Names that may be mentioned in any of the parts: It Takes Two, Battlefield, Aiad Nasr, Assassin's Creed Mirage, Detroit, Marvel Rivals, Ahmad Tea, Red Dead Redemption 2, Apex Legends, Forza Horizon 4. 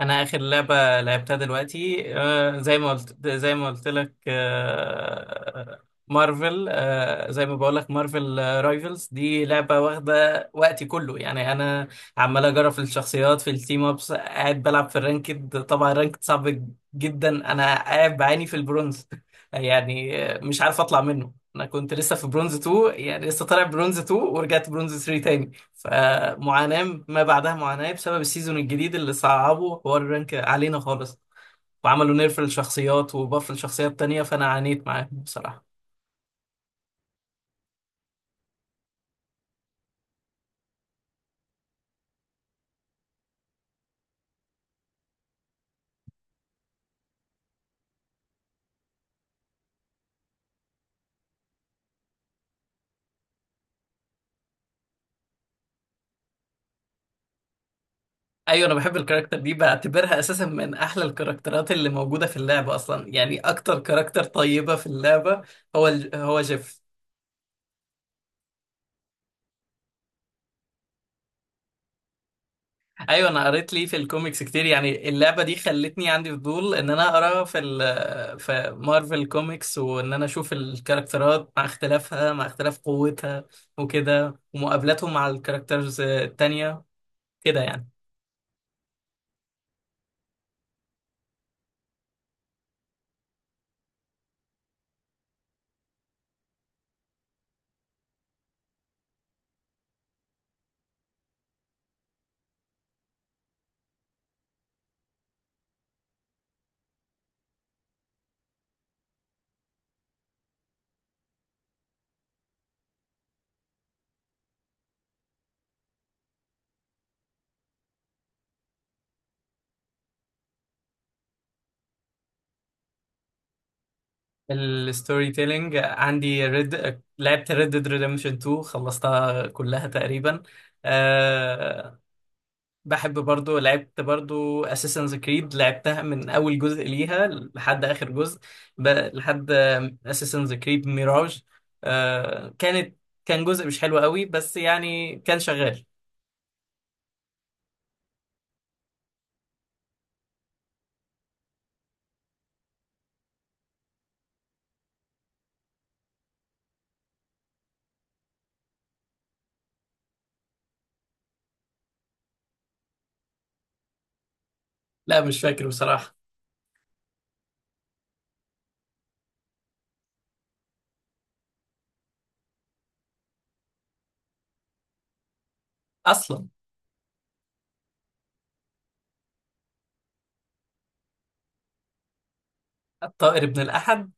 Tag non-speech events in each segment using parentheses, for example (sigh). انا اخر لعبه لعبتها دلوقتي، زي ما قلت لك. مارفل. زي ما بقول لك، مارفل رايفلز دي لعبه واخده وقتي كله، يعني انا عمال اجرب في الشخصيات في التيم. ابس قاعد بلعب في الرانكد، طبعا الرانكد صعب جدا. انا قاعد بعاني في البرونز (laughs) يعني مش عارف اطلع منه. انا كنت لسه في برونز 2، يعني لسه طالع برونز 2 ورجعت برونز 3. فمعاناة ما بعدها معاناة بسبب السيزون الجديد اللي صعبوا حوار الرانك علينا خالص، وعملوا نيرف للشخصيات وباف للشخصيات تانية، فأنا عانيت معاهم بصراحة. أيوة، أنا بحب الكاركتر دي، بعتبرها أساسا من أحلى الكاركترات اللي موجودة في اللعبة أصلا، يعني أكتر كاركتر طيبة في اللعبة هو هو جيف. ايوه، انا قريت ليه في الكوميكس كتير، يعني اللعبه دي خلتني عندي فضول ان انا اقرا في مارفل كوميكس، وان انا اشوف الكاركترات مع اختلافها، مع اختلاف قوتها وكده، ومقابلاتهم مع الكاركترز التانية كده يعني. الستوري تيلينج عندي، لعبت ريد ديد ريدمشن 2، خلصتها كلها تقريبا. آه، بحب برضو، لعبت برضو اساسنز كريد، لعبتها من اول جزء ليها لحد اخر جزء، لحد اساسنز كريد ميراج. آه كانت كان جزء مش حلو قوي، بس يعني كان شغال. لا، مش فاكر بصراحة. اصلا الطائر ابن الاحد.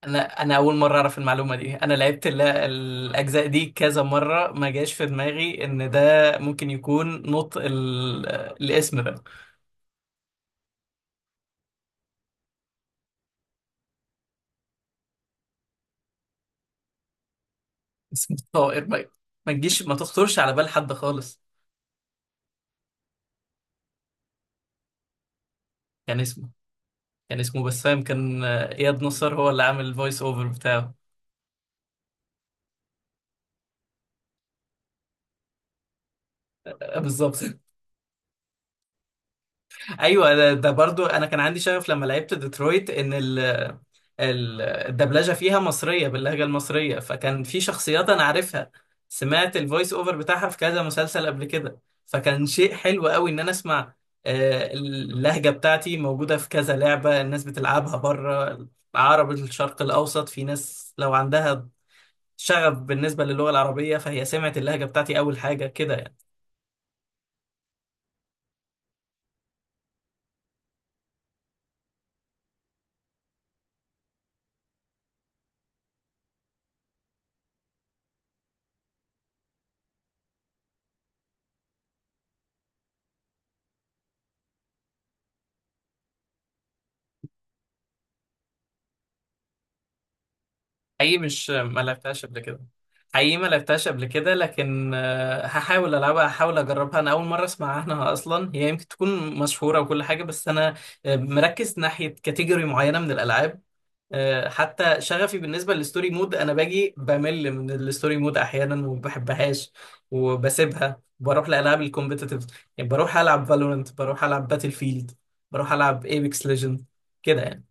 انا اول مرة اعرف المعلومة دي. انا لعبت الاجزاء دي كذا مرة، ما جاش في دماغي ان ده ممكن يكون نطق الاسم ده. اسم الطائر ما تخطرش على بال حد خالص. يعني كان اسمه بسام، كان آه، اياد نصر هو اللي عامل الفويس اوفر بتاعه. آه، بالظبط (laughs) ايوه ده برضو، انا كان عندي شغف لما لعبت ديترويت، ان ال الدبلجه فيها مصريه باللهجه المصريه، فكان في شخصيات انا عارفها سمعت الفويس اوفر بتاعها في كذا مسلسل قبل كده. فكان شيء حلو قوي ان انا اسمع، اللهجه بتاعتي موجوده في كذا لعبه الناس بتلعبها بره. العرب، الشرق الاوسط، في ناس لو عندها شغف بالنسبة للغة العربية، فهي سمعت اللهجة بتاعتي أول حاجة كده يعني. حقيقي، مش ما لعبتهاش قبل كده. حقيقي ما لعبتهاش قبل كده، لكن هحاول ألعبها، هحاول أجربها. أنا أول مرة أسمع عنها أصلا، هي يمكن تكون مشهورة وكل حاجة، بس أنا مركز ناحية كاتيجوري معينة من الألعاب. حتى شغفي بالنسبة للستوري مود، أنا باجي بمل من الستوري مود أحيانا وما بحبهاش، وبسيبها بروح لألعاب الكومبيتيتيف. يعني بروح ألعب فالورنت، بروح ألعب باتل فيلد، بروح ألعب ايبكس ليجند كده يعني.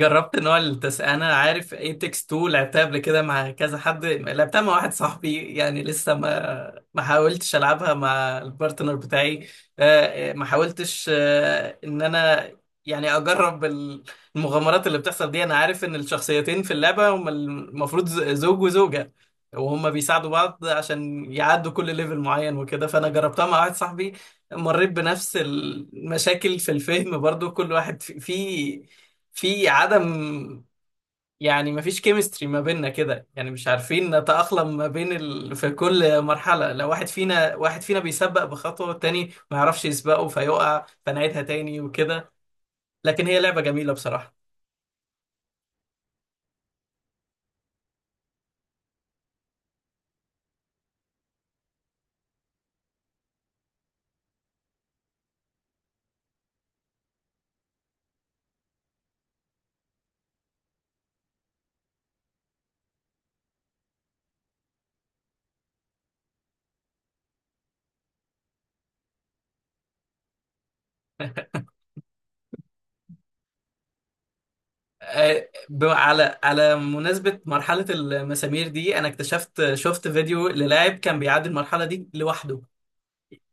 جربت نوع التس انا عارف ايتكس 2، لعبتها قبل كده مع كذا حد، لعبتها مع واحد صاحبي. يعني لسه ما حاولتش العبها مع البارتنر بتاعي. ما حاولتش، ان انا يعني اجرب المغامرات اللي بتحصل دي. انا عارف ان الشخصيتين في اللعبة هم المفروض زوج وزوجة، وهم بيساعدوا بعض عشان يعدوا كل ليفل معين وكده، فانا جربتها مع واحد صاحبي. مريت بنفس المشاكل في الفهم برضو، كل واحد فيه في عدم، يعني مفيش كيمستري ما بيننا كده، يعني مش عارفين نتأقلم ما بين في كل مرحلة، لو واحد فينا بيسبق بخطوة والتاني ما يعرفش يسبقه فيقع، فنعيدها تاني وكده. لكن هي لعبة جميلة بصراحة. على مناسبة مرحلة المسامير دي، أنا اكتشفت، شفت فيديو للاعب كان بيعدي المرحلة دي لوحده.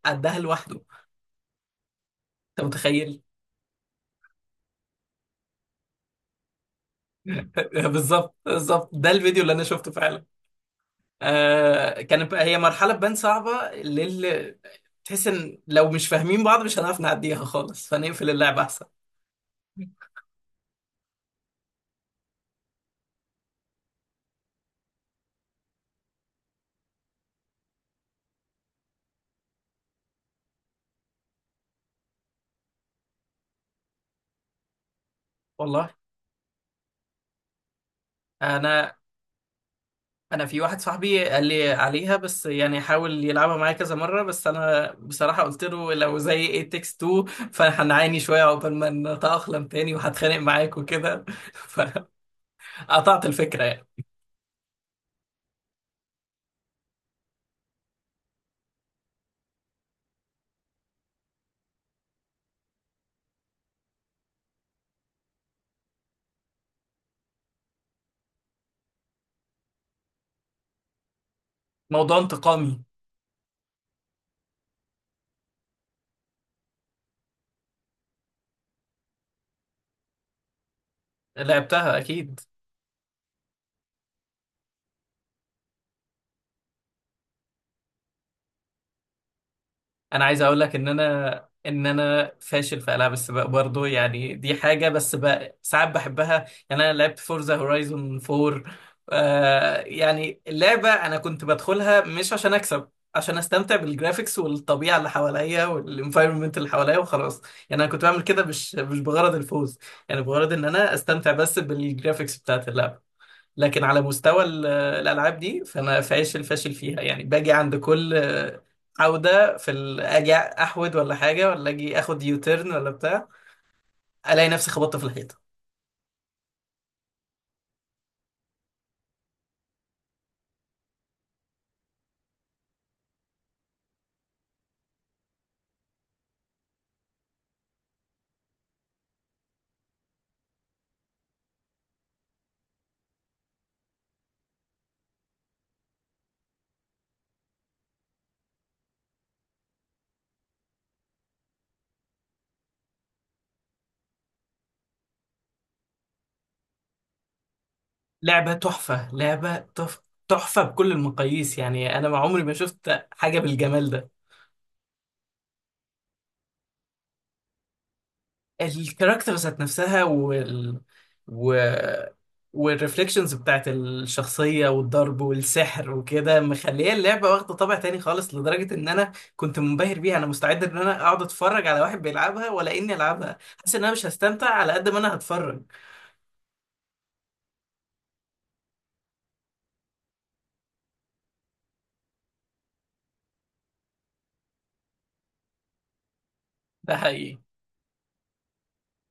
عدها لوحده. أنت متخيل؟ (laughs) بالظبط، بالظبط، ده الفيديو اللي أنا شفته فعلا. كانت بقى هي مرحلة تبان صعبة، للي تحس ان لو مش فاهمين بعض مش هنعرف نعديها خالص، فنقفل اللعبة احسن. والله، انا، انا في واحد صاحبي قال لي عليها، بس يعني حاول يلعبها معايا كذا مرة، بس انا بصراحة قلت له لو زي ايه تكس 2، فهنعاني شوية عقبال ما نتأقلم تاني وهتخانق معاك وكده (laughs) فقطعت الفكرة يعني. موضوع انتقامي. لعبتها اكيد. انا عايز اقول لك ان انا فاشل في العاب السباق برضو، يعني دي حاجه، بس بقى ساعات بحبها، يعني انا لعبت فورزا هورايزون 4. يعني اللعبه انا كنت بدخلها مش عشان اكسب، عشان استمتع بالجرافيكس والطبيعه اللي حواليا والانفايرمنت اللي حواليا وخلاص. يعني انا كنت بعمل كده مش بغرض الفوز، يعني بغرض ان انا استمتع بس بالجرافيكس بتاعت اللعبه. لكن على مستوى الالعاب دي فانا فاشل فاشل فيها، يعني باجي عند كل عودة في اجي احود ولا حاجة ولا اجي اخد يوتيرن ولا بتاع، الاقي نفسي خبطت في الحيطة. لعبة تحفة، تحفة بكل المقاييس، يعني انا ما عمري ما شفت حاجة بالجمال ده. الكاركتر ذات نفسها، و والريفليكشنز بتاعت الشخصية والضرب والسحر وكده، مخلية اللعبة واخدة طابع تاني خالص، لدرجة ان انا كنت منبهر بيها. انا مستعد ان انا اقعد اتفرج على واحد بيلعبها، ولا اني العبها، حاسس ان انا مش هستمتع على قد ما انا هتفرج. ده حقيقي.